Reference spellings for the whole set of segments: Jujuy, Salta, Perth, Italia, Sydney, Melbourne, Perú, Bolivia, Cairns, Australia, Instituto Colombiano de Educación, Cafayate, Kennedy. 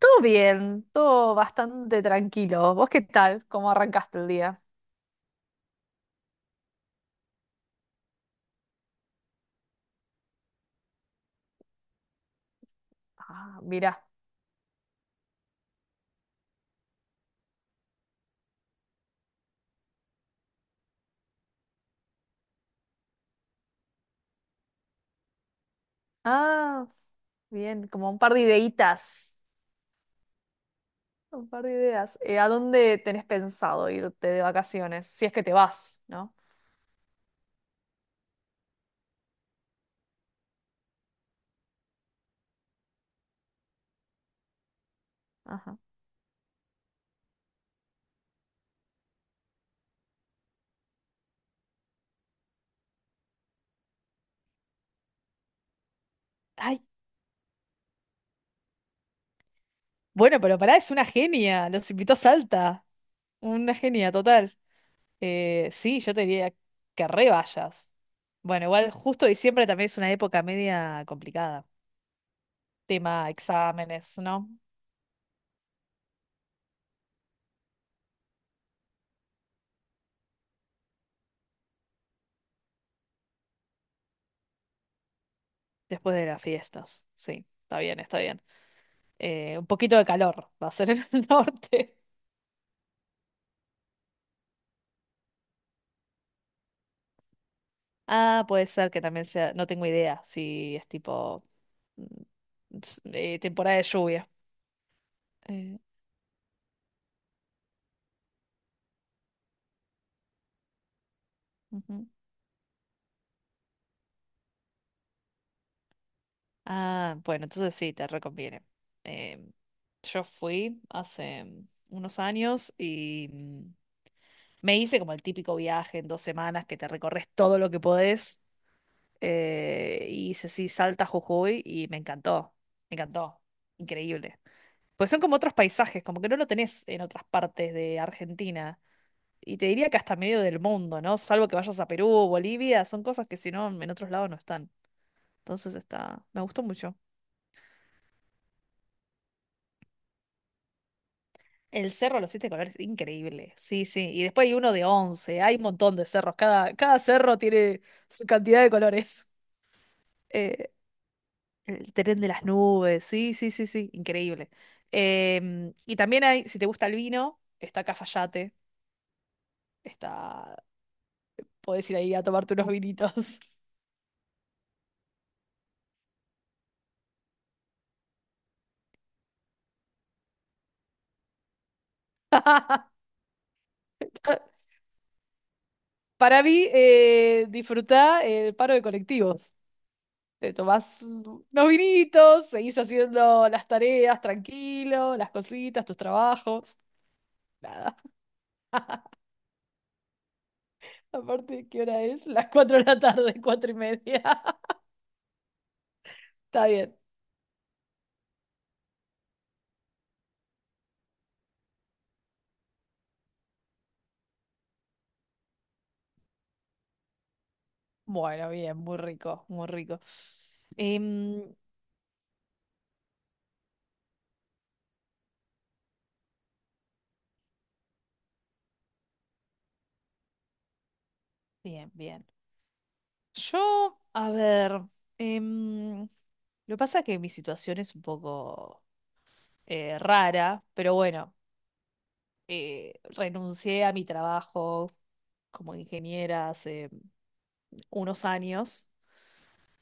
Todo bien, todo bastante tranquilo. ¿Vos qué tal? ¿Cómo arrancaste el día? Ah, mira. Ah, bien, como un par de ideitas. Un par de ideas. ¿A dónde tenés pensado irte de vacaciones? Si es que te vas, ¿no? Ajá. Ay, bueno, pero pará, es una genia. Los invitó a Salta. Una genia total. Sí, yo te diría que re vayas. Bueno, igual justo diciembre también es una época media complicada. Tema exámenes, ¿no? Después de las fiestas, sí, está bien, está bien. Un poquito de calor va a ser en el norte. Ah, puede ser que también sea, no tengo idea si es tipo mm, temporada de lluvia. Eh, ujú. Ah, bueno, entonces sí, te reconviene. Eh, yo fui hace unos años y me hice como el típico viaje en 2 semanas que te recorres todo lo que podés, y hice así Salta, Jujuy y me encantó, increíble. Pues son como otros paisajes, como que no lo tenés en otras partes de Argentina. Y te diría que hasta medio del mundo, ¿no? Salvo que vayas a Perú o Bolivia, son cosas que si no, en otros lados no están. Entonces está, me gustó mucho. El cerro de los siete colores, increíble. Sí, sí. Y después hay uno de once. Hay un montón de cerros. Cada cerro tiene su cantidad de colores. Eh, El tren de las nubes, sí, sí, sí, sí, increíble. Em, y también hay, si te gusta el vino, está Cafayate, está, podés ir ahí a tomarte unos vinitos. Para mí, disfrutá el paro de colectivos. Unos vinitos, seguís haciendo las tareas tranquilo, las cositas, tus trabajos. Nada. Aparte, ¿qué hora es? Las 4 de la tarde, cuatro y media. Está bien. Bueno, bien, muy rico, muy rico. Em, Bien, bien. Yo, a ver, lo que pasa es que mi situación es un poco rara, pero bueno, renuncié a mi trabajo como ingeniera hace unos años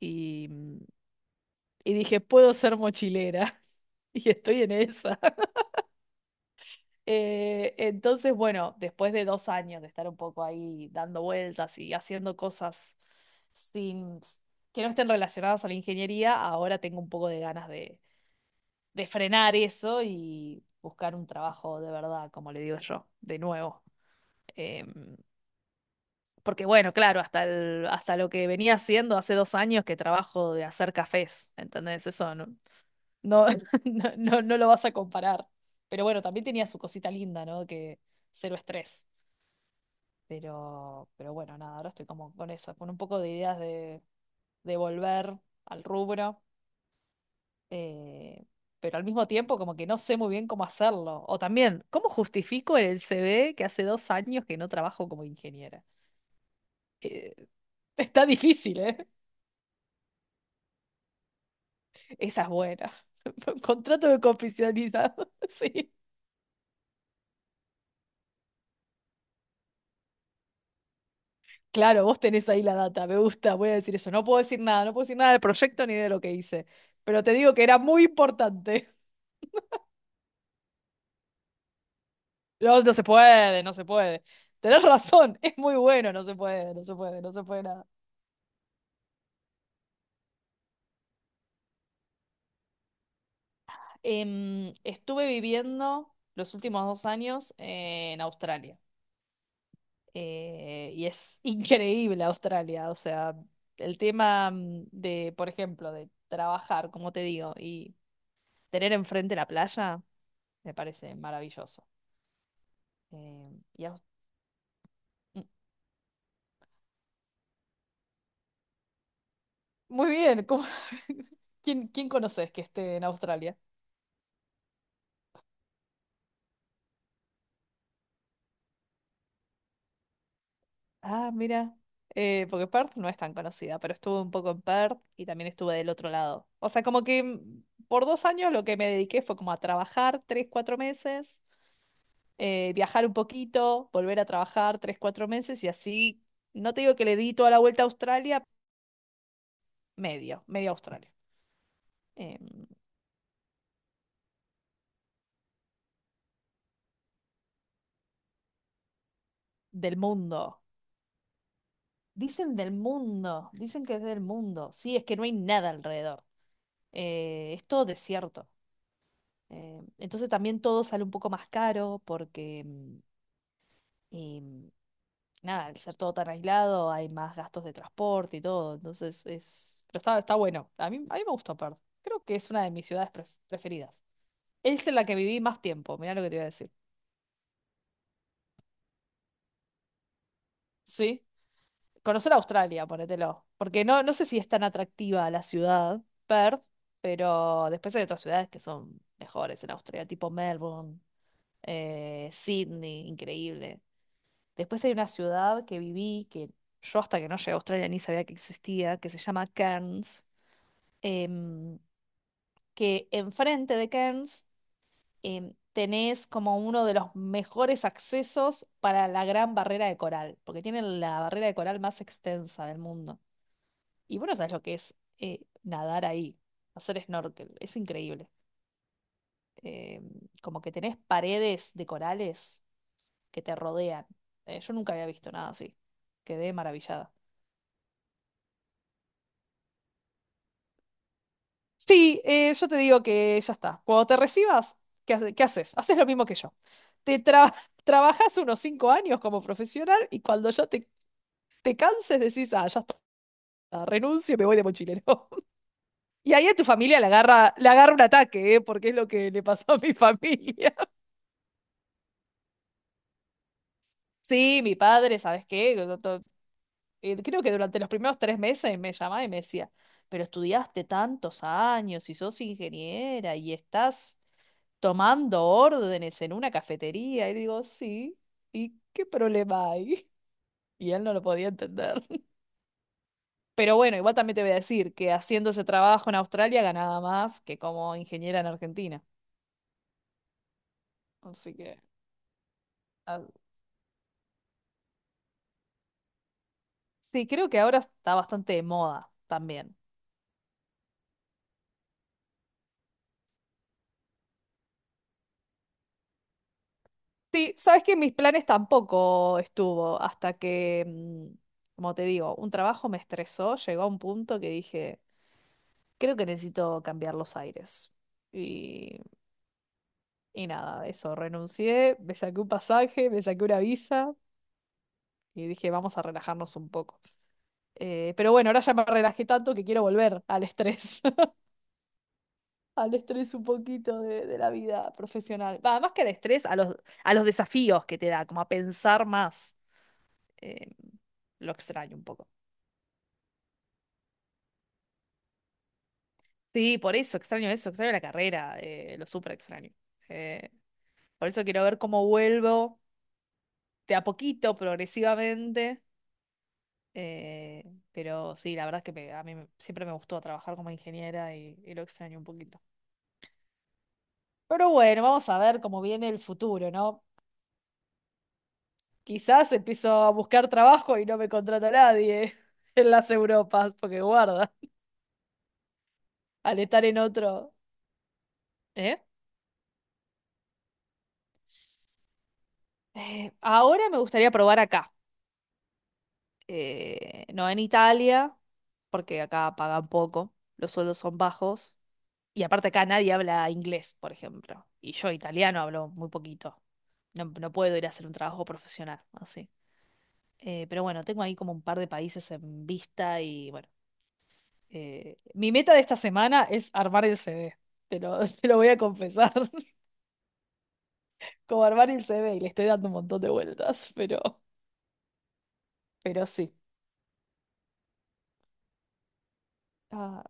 y, y dije, puedo ser mochilera y estoy en esa. Entonces, bueno, después de 2 años de estar un poco ahí dando vueltas y haciendo cosas sin, que no estén relacionadas a la ingeniería, ahora tengo un poco de ganas de frenar eso y buscar un trabajo de verdad, como le digo yo, de nuevo. Em, Porque bueno, claro, hasta lo que venía haciendo hace 2 años que trabajo de hacer cafés, ¿entendés? Eso no, no lo vas a comparar. Pero bueno, también tenía su cosita linda, ¿no? Que cero estrés. Pero bueno, nada, ahora estoy como con eso, con un poco de ideas de volver al rubro, eh, pero al mismo tiempo como que no sé muy bien cómo hacerlo. O también, ¿cómo justifico en el CV que hace 2 años que no trabajo como ingeniera? Eh, está difícil, ¿eh? Esa es buena. Contrato de confidencialidad, sí. Claro, vos tenés ahí la data, me gusta, voy a decir eso. No puedo decir nada, no puedo decir nada del proyecto ni de lo que hice, pero te digo que era muy importante. No, no se puede, no se puede. Tenés razón, es muy bueno, no se puede, no se puede, no se puede nada. Em, estuve viviendo los últimos 2 años en Australia. Y es increíble Australia. O sea, el tema de, por ejemplo, de trabajar, como te digo, y tener enfrente la playa, me parece maravilloso. Eh, y Aus- Muy bien, ¿cómo- ¿Quién, quién conoces que esté en Australia? Ah, mira, porque Perth no es tan conocida, pero estuve un poco en Perth y también estuve del otro lado. O sea, como que por dos años lo que me dediqué fue como a trabajar 3, 4 meses, viajar un poquito, volver a trabajar 3, 4 meses y así, no te digo que le di toda la vuelta a Australia, medio, medio Australia. Em, Del mundo. Dicen del mundo, dicen que es del mundo. Sí, es que no hay nada alrededor. Es todo desierto. Entonces también todo sale un poco más caro porque, mm, y, mm, nada, al ser todo tan aislado hay más gastos de transporte y todo. Entonces es... Pero está, está bueno. A mí me gustó Perth. Creo que es una de mis ciudades pref- preferidas. Es en la que viví más tiempo, mirá lo que te iba a decir. Sí. Conocer Australia, ponételo. Porque no, no sé si es tan atractiva la ciudad, Perth, pero después hay otras ciudades que son mejores en Australia, tipo Melbourne, Sydney, increíble. Después hay una ciudad que viví, que yo hasta que no llegué a Australia ni sabía que existía, que se llama Cairns, em, que enfrente de Cairns tenés como uno de los mejores accesos para la gran barrera de coral, porque tienen la barrera de coral más extensa del mundo. Y bueno, sabes lo que es nadar ahí, hacer snorkel, es increíble. Em, Como que tenés paredes de corales que te rodean. Yo nunca había visto nada así. Quedé maravillada. Sí, yo te digo que ya está. Cuando te recibas, ¿qué haces? Haces lo mismo que yo. Te tra- Trabajas unos 5 años como profesional y cuando ya te canses decís, ah, ya está, renuncio y me voy de mochilero. Y ahí a tu familia le agarra un ataque, ¿eh? Porque es lo que le pasó a mi familia. Sí, mi padre, ¿sabes qué? Creo que durante los primeros 3 meses me llamaba y me decía, pero estudiaste tantos años y sos ingeniera y estás tomando órdenes en una cafetería. Y digo, sí, ¿y qué problema hay? Y él no lo podía entender. Pero bueno, igual también te voy a decir que haciendo ese trabajo en Australia ganaba más que como ingeniera en Argentina. Así que... ah, sí, creo que ahora está bastante de moda también. Sí, sabes que en mis planes tampoco estuvo hasta que, como te digo, un trabajo me estresó, llegó a un punto que dije, creo que necesito cambiar los aires. y Y nada, eso, renuncié, me saqué un pasaje, me saqué una visa y dije, vamos a relajarnos un poco. Pero bueno, ahora ya me relajé tanto que quiero volver al estrés, al estrés un poquito de la vida profesional. Va, más que al estrés, a los desafíos que te da, como a pensar más. Eh, lo extraño un poco. Sí, por eso, extraño la carrera, lo súper extraño. Eh, por eso quiero ver cómo vuelvo de a poquito, progresivamente. Eh, pero sí, la verdad es que siempre me gustó trabajar como ingeniera y lo extraño un poquito. Pero bueno, vamos a ver cómo viene el futuro, ¿no? Quizás empiezo a buscar trabajo y no me contrata nadie en las Europas, porque guarda, al estar en otro... ¿Eh? Ahora me gustaría probar acá, no en Italia, porque acá pagan poco, los sueldos son bajos. Y aparte acá nadie habla inglés, por ejemplo. Y yo italiano hablo muy poquito. No, no puedo ir a hacer un trabajo profesional, así. Pero bueno, tengo ahí como un par de países en vista y bueno. Mi meta de esta semana es armar el CV. Te lo, te lo voy a confesar. Como armar el CV y le estoy dando un montón de vueltas, pero sí. Ah,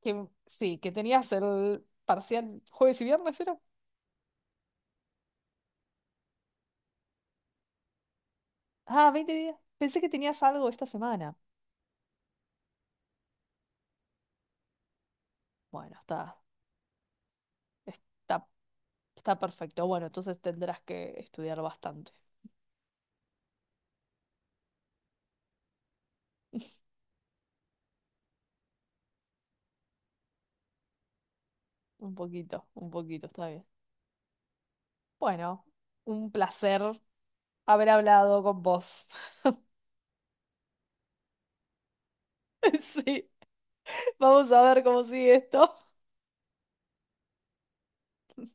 que, sí, que tenías el parcial jueves y viernes, ¿era? Ah, 20 días. Pensé que tenías algo esta semana. Bueno, está Está perfecto. Bueno, entonces tendrás que estudiar bastante. Un poquito, está bien. Bueno, un placer haber hablado con vos. Sí, vamos a ver cómo sigue esto.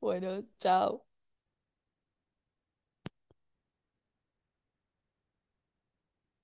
Bueno, chao.